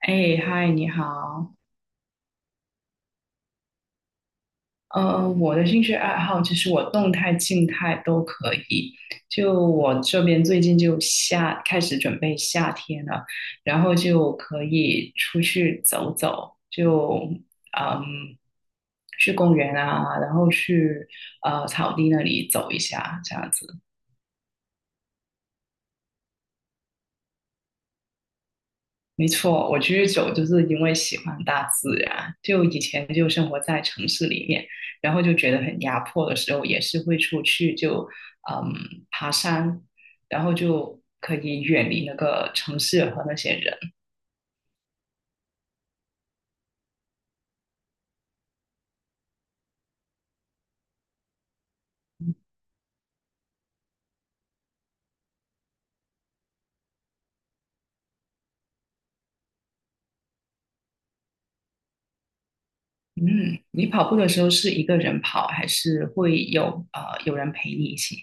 哎，嗨，你好。嗯，我的兴趣爱好其实我动态、静态都可以。就我这边最近开始准备夏天了，然后就可以出去走走，嗯，去公园啊，然后去草地那里走一下，这样子。没错，我居走就是因为喜欢大自然，就以前就生活在城市里面，然后就觉得很压迫的时候，也是会出去嗯爬山，然后就可以远离那个城市和那些人。嗯，你跑步的时候是一个人跑，还是会有人陪你一起？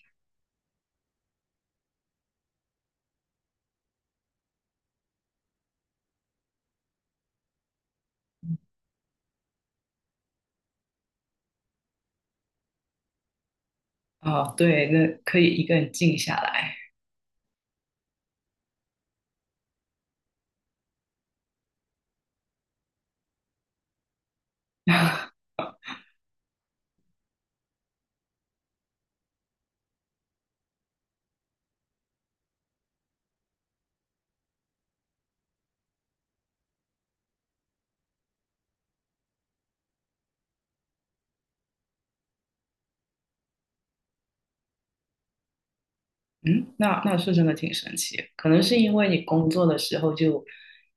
哦，对，那可以一个人静下来。嗯，那是真的挺神奇的，可能是因为你工作的时候就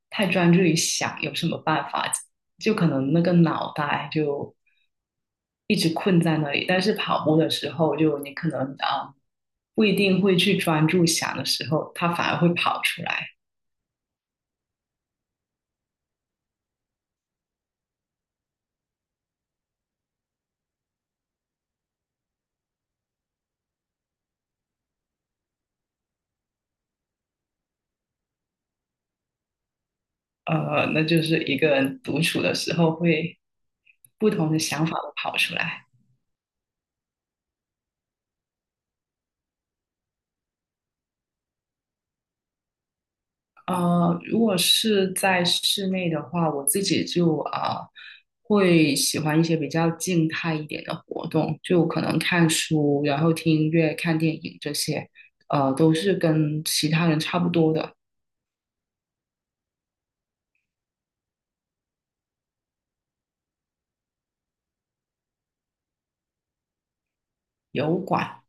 太专注于想有什么办法，就可能那个脑袋就一直困在那里。但是跑步的时候，就你可能不一定会去专注想的时候，它反而会跑出来。呃，那就是一个人独处的时候会不同的想法都跑出来。呃，如果是在室内的话，我自己就啊、呃会喜欢一些比较静态一点的活动，就可能看书，然后听音乐、看电影这些，呃，都是跟其他人差不多的。油管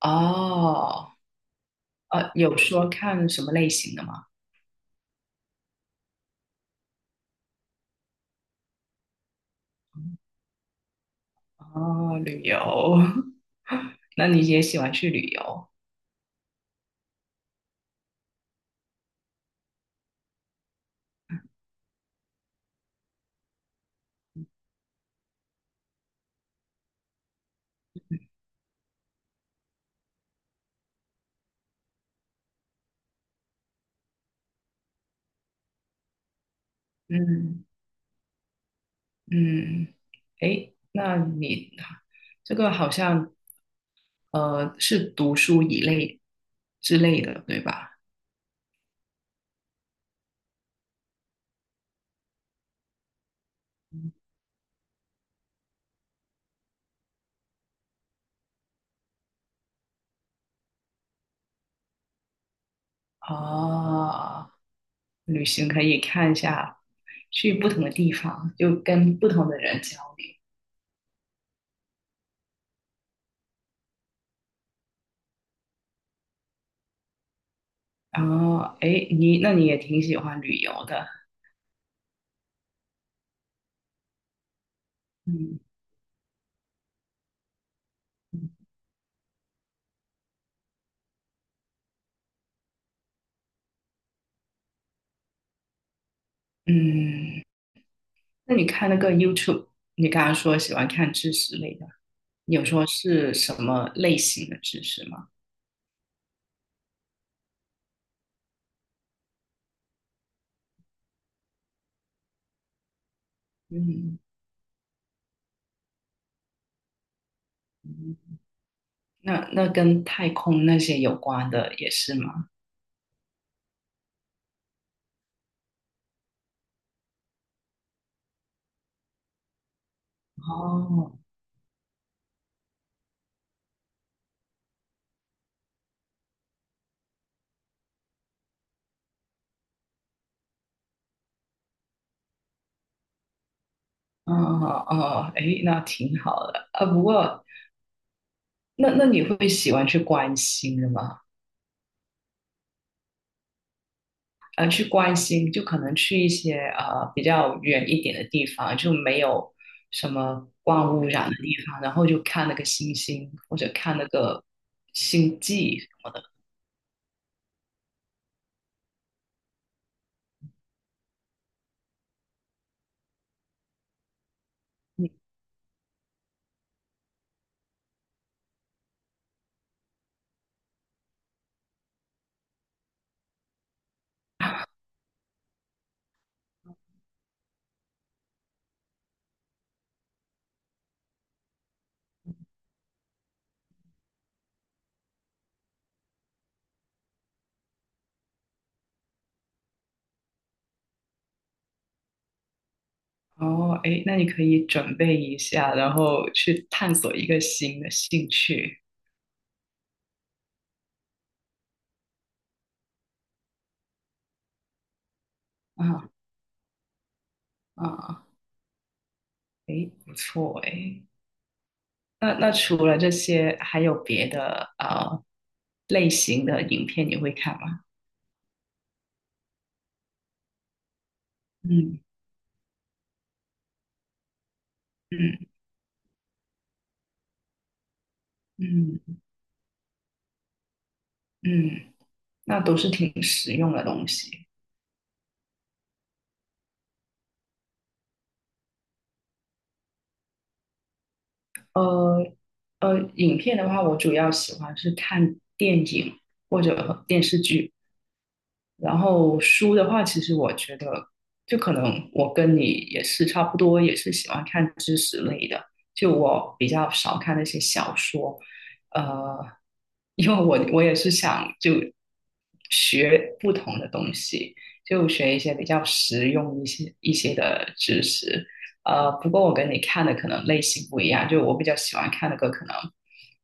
哦，呃，有说看什么类型的吗？哦，旅游，那你也喜欢去旅游？嗯嗯，诶，那你这个好像。呃，是读书一类之类的，对吧？哦，旅行可以看一下，去不同的地方，就跟不同的人交流。哦，后，哎，你那你也挺喜欢旅游的，嗯嗯，那你看那个 YouTube,你刚刚说喜欢看知识类的，你有说是什么类型的知识吗？嗯嗯，那跟太空那些有关的也是吗？哦，哦哦，哎，那挺好的啊。不过，那你会喜欢去关心的吗？呃，去关心就可能去一些比较远一点的地方，就没有什么光污染的地方，然后就看那个星星或者看那个星际。嗯哦，哎，那你可以准备一下，然后去探索一个新的兴趣。啊，啊，哎，不错哎。那那除了这些，还有别的类型的影片你会看吗？嗯嗯，嗯嗯，那都是挺实用的东西。呃影片的话，我主要喜欢是看电影或者电视剧。然后书的话，其实我觉得，就可能我跟你也是差不多，也是喜欢看知识类的。就我比较少看那些小说，呃，因为我也是想就学不同的东西，就学一些比较实用一些的知识。呃，不过我跟你看的可能类型不一样，就我比较喜欢看的个可能，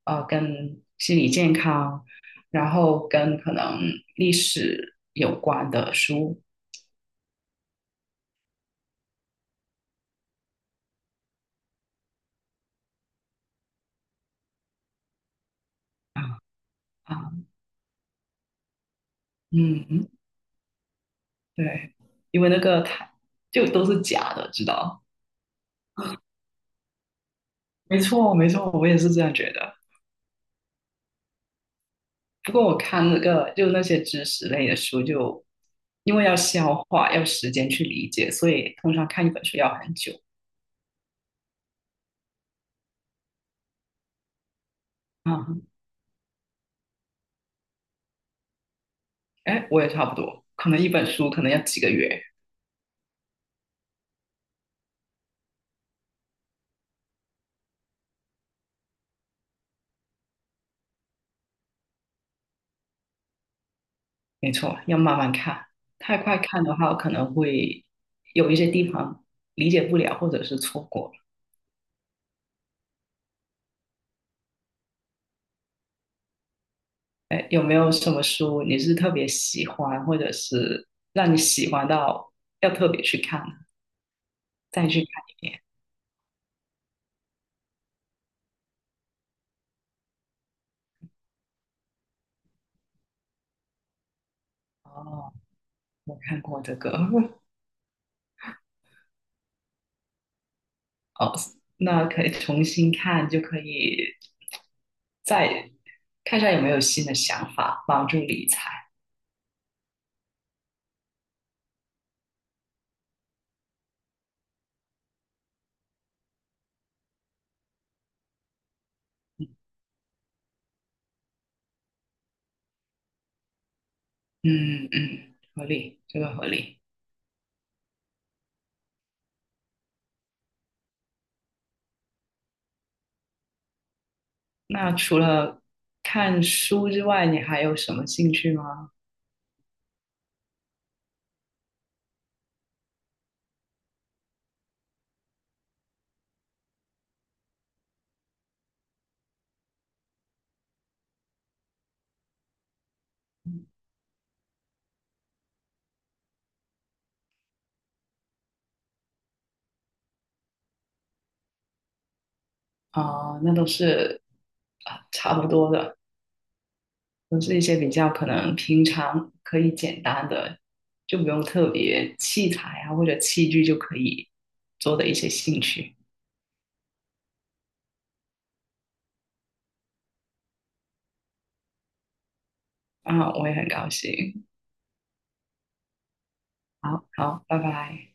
呃，跟心理健康。然后跟可能历史有关的书啊，啊，嗯，对，因为那个它就都是假的，知道？没错，没错，我也是这样觉得。不过我看那个就那些知识类的书就，因为要消化，要时间去理解，所以通常看一本书要很久。啊，哎，我也差不多，可能一本书可能要几个月，没错，要慢慢看。太快看的话，可能会有一些地方理解不了，或者是错过。哎，有没有什么书你是特别喜欢，或者是让你喜欢到要特别去看，再去看？哦，我看过这个，哦，那可以重新看，就可以再看一下有没有新的想法，帮助理财。嗯嗯，合理，这个合理。那除了看书之外，你还有什么兴趣吗？那都是啊，差不多的。都是一些比较可能平常可以简单的，就不用特别器材啊或者器具就可以做的一些兴趣啊，我也很高兴。好好，拜拜。